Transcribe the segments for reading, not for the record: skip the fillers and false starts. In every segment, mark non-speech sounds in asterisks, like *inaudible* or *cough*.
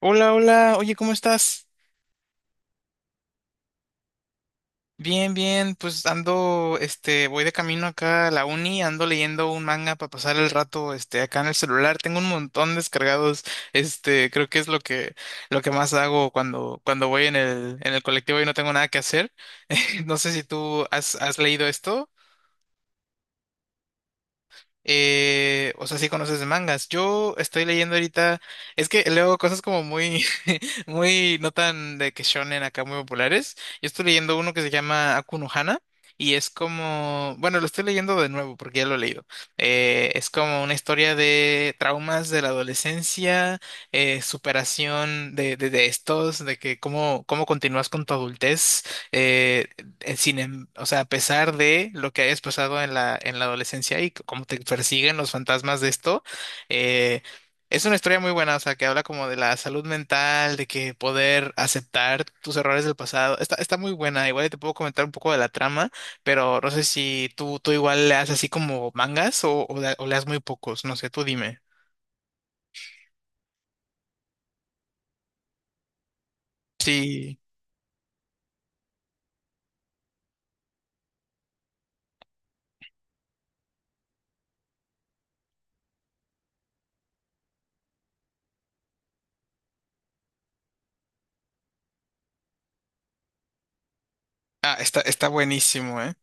Hola, hola, oye, ¿cómo estás? Bien, bien, pues ando, voy de camino acá a la uni, ando leyendo un manga para pasar el rato, acá en el celular, tengo un montón descargados, creo que es lo que más hago cuando voy en en el colectivo y no tengo nada que hacer. *laughs* No sé si has leído esto. O sea, sí conoces de mangas. Yo estoy leyendo ahorita, es que leo cosas como muy, *laughs* muy, no tan de que shonen acá muy populares. Yo estoy leyendo uno que se llama Aku no Hana y es como, bueno, lo estoy leyendo de nuevo porque ya lo he leído. Es como una historia de traumas de la adolescencia, superación de estos, de que cómo continúas con tu adultez, eh, sin, o sea, a pesar de lo que hayas pasado en en la adolescencia y cómo te persiguen los fantasmas de esto, eh, es una historia muy buena, o sea, que habla como de la salud mental, de que poder aceptar tus errores del pasado. Está muy buena, igual y te puedo comentar un poco de la trama, pero no sé si tú igual leas así como mangas o leas muy pocos, no sé, tú dime. Sí. Ah, está buenísimo, ¿eh?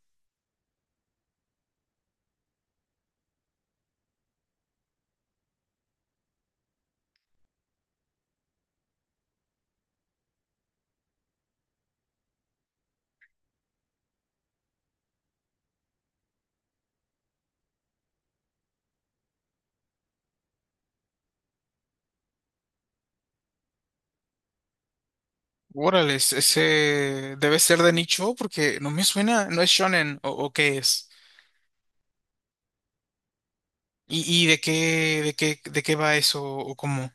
Órale, ese debe ser de nicho porque no me suena, no es shonen o qué es. ¿Y de qué va eso o cómo?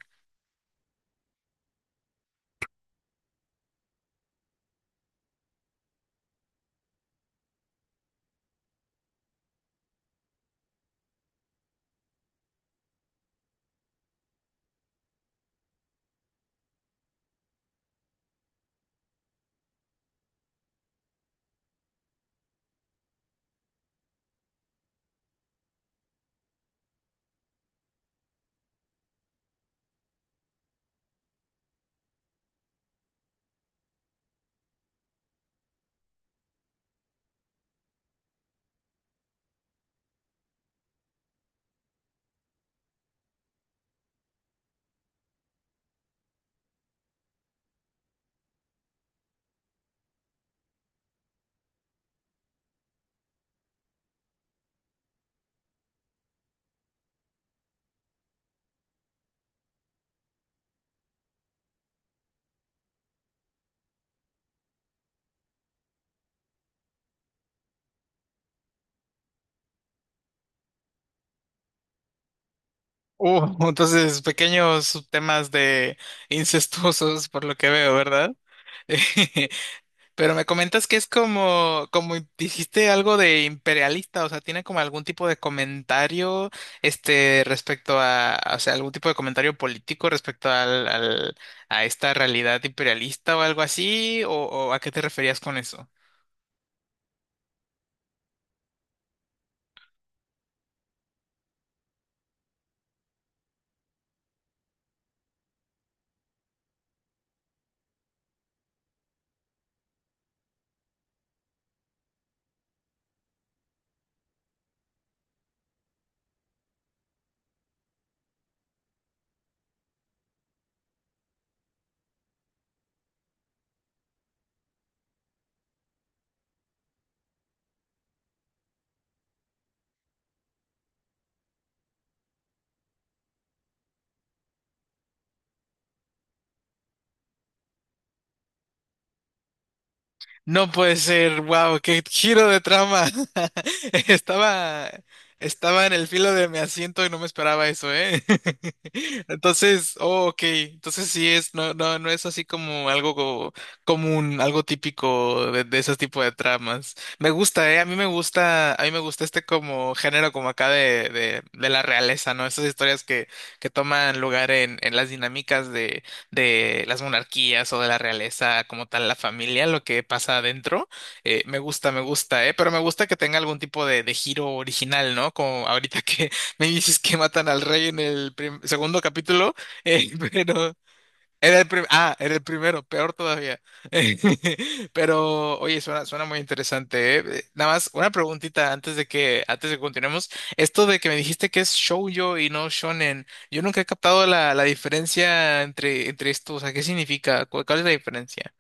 *laughs* Entonces, pequeños temas de incestuosos por lo que veo, ¿verdad? *laughs* Pero me comentas que es como dijiste algo de imperialista, o sea, tiene como algún tipo de comentario, respecto a, o sea, algún tipo de comentario político respecto a esta realidad imperialista o algo así, o ¿a qué te referías con eso? No puede ser, wow, qué giro de trama. *laughs* Estaba, Estaba en el filo de mi asiento y no me esperaba eso, ¿eh? *laughs* Entonces, oh, ok, entonces sí es, no, no, no es así como algo común, algo típico de ese tipo de tramas. Me gusta, ¿eh? A mí me gusta, a mí me gusta este como género como acá de la realeza, ¿no? Esas historias que toman lugar en las dinámicas de las monarquías o de la realeza como tal, la familia, lo que pasa adentro. Me gusta, me gusta, ¿eh? Pero me gusta que tenga algún tipo de giro original, ¿no? Como ahorita que *laughs* me dices que matan al rey en el segundo capítulo, *laughs* pero... Era el ah, era el primero, peor todavía. *laughs* Pero, oye, suena, suena muy interesante, ¿eh? Nada más, una preguntita antes de antes de que continuemos. Esto de que me dijiste que es shoujo y no shonen, yo nunca he captado la diferencia entre esto, o sea, ¿qué significa? Cuál es la diferencia?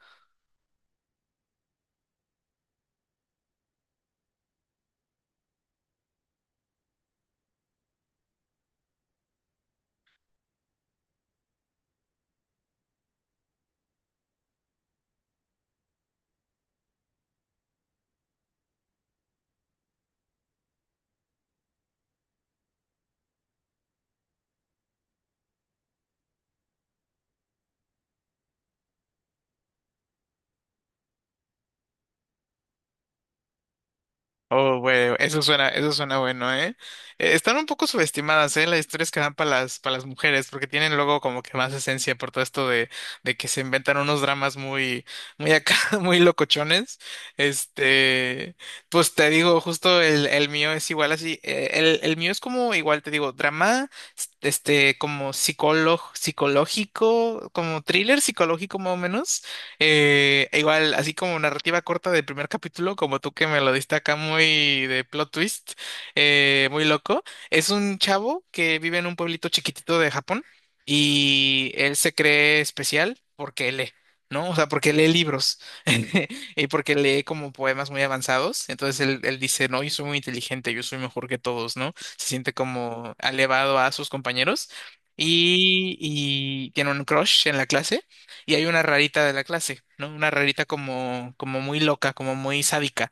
Oh, güey, eso suena bueno, ¿eh? Están un poco subestimadas, ¿eh? Las historias que dan para para las mujeres, porque tienen luego como que más esencia por todo esto de que se inventan unos dramas muy, muy acá, *laughs* muy locochones. Este, pues te digo, justo el mío es igual así. El mío es como igual, te digo, drama, como psicólogo, psicológico, como thriller psicológico más o menos e igual, así como narrativa corta del primer capítulo, como tú que me lo diste acá muy de plot twist, muy loco, es un chavo que vive en un pueblito chiquitito de Japón y él se cree especial porque lee. ¿No? O sea, porque lee libros *laughs* y porque lee como poemas muy avanzados. Entonces él dice, no, yo soy muy inteligente, yo soy mejor que todos, ¿no? Se siente como elevado a sus compañeros y tiene un crush en la clase y hay una rarita de la clase, ¿no? Una rarita como, como muy loca, como muy sádica.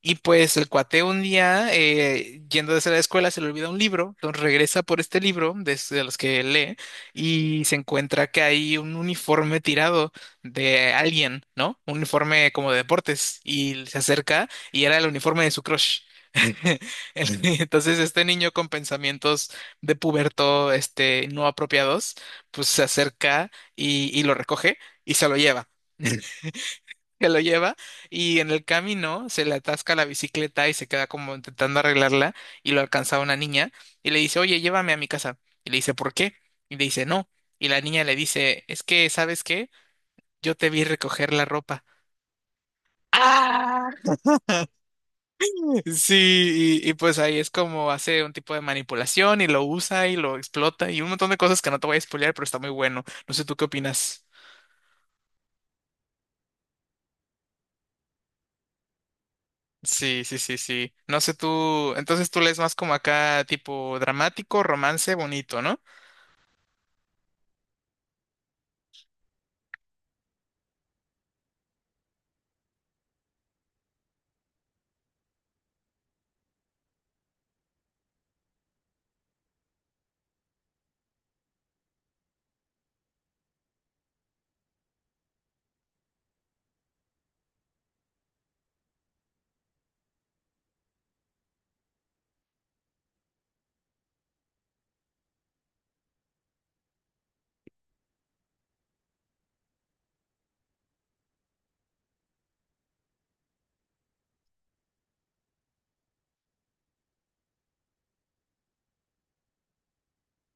Y pues el cuate un día, yendo desde la escuela, se le olvida un libro, entonces regresa por este libro, desde los que lee, y se encuentra que hay un uniforme tirado de alguien, ¿no? Un uniforme como de deportes, y se acerca y era el uniforme de su crush. *laughs* Entonces, este niño con pensamientos de puberto, no apropiados, pues se acerca y lo recoge y se lo lleva. *laughs* Se lo lleva y en el camino se le atasca la bicicleta y se queda como intentando arreglarla y lo alcanza una niña y le dice, oye, llévame a mi casa. Y le dice, ¿por qué? Y le dice, no. Y la niña le dice, es que, ¿sabes qué? Yo te vi recoger la ropa. ¡Ah! Sí, y pues ahí es como hace un tipo de manipulación y lo usa y lo explota y un montón de cosas que no te voy a spoilear, pero está muy bueno. No sé tú qué opinas. Sí, sí, sí, sí. No sé tú, entonces tú lees más como acá tipo dramático, romance, bonito, ¿no?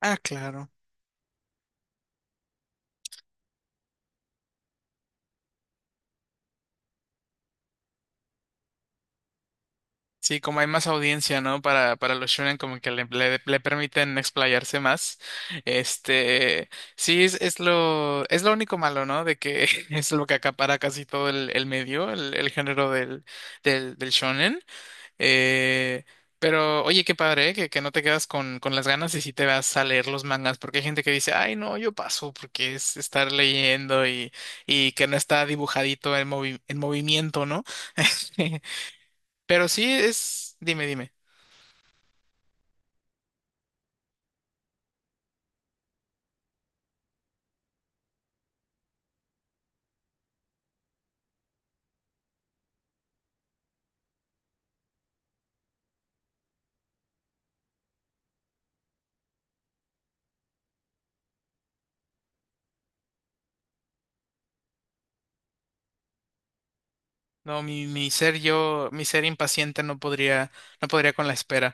Ah, claro. Sí, como hay más audiencia, ¿no? Para los shonen, como que le permiten explayarse más. Este, sí, es es lo único malo, ¿no? De que *laughs* es lo que acapara casi todo el medio, el género del shonen. Eh, pero, oye, qué padre, ¿eh? Que no te quedas con las ganas y si te vas a leer los mangas, porque hay gente que dice, ay, no, yo paso, porque es estar leyendo y que no está dibujadito en en movimiento, ¿no? *laughs* Pero sí es, dime, dime. No, mi ser yo, mi ser impaciente no podría, no podría con la espera.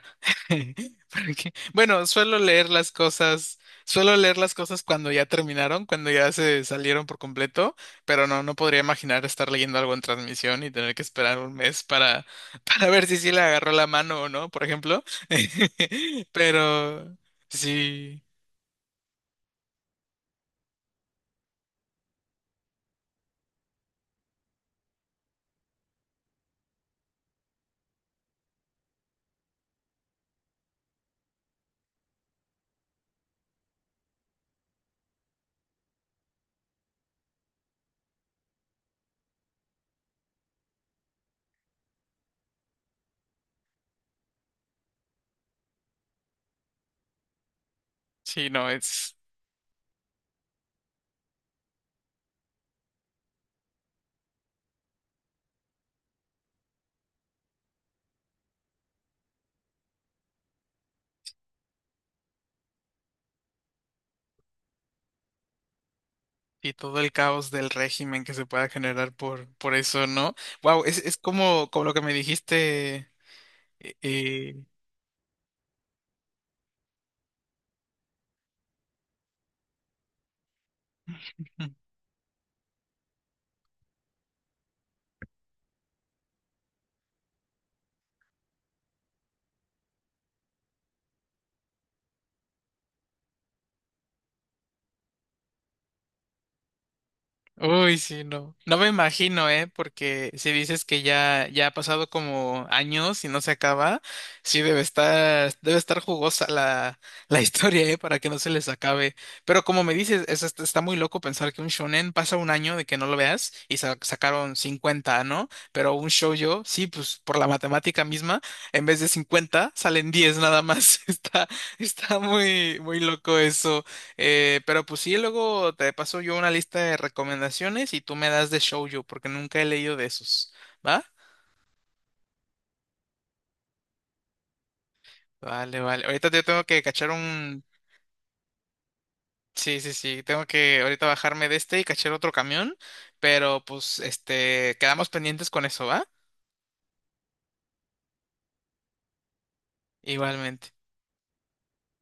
*laughs* Porque, bueno, suelo leer las cosas, suelo leer las cosas cuando ya terminaron, cuando ya se salieron por completo, pero no, no podría imaginar estar leyendo algo en transmisión y tener que esperar un mes para, *laughs* para ver si sí le agarró la mano o no, por ejemplo. *laughs* Pero sí, sí, no, es. Y todo el caos del régimen que se pueda generar por eso, ¿no? Wow, es como, como lo que me dijiste eh, eh, uy, sí, no. No me imagino, ¿eh? Porque si dices que ya ha pasado como años y no se acaba, sí debe estar jugosa la *laughs* historia, ¿eh? Para que no se les acabe. Pero como me dices, es está muy loco pensar que un shonen pasa un año de que no lo veas y sacaron 50, ¿no? Pero un shoujo, sí, pues por la matemática misma, en vez de 50, salen 10 nada más. *laughs* Está, está muy, muy loco eso. Pero pues sí, luego te paso yo una lista de recomendaciones y tú me das de shoujo, porque nunca he leído de esos, ¿va? Vale, vale. Ahorita yo tengo que cachar un... Sí, sí, sí, tengo que ahorita bajarme de este y cachar otro camión, pero pues este, quedamos pendientes con eso, ¿va? Igualmente.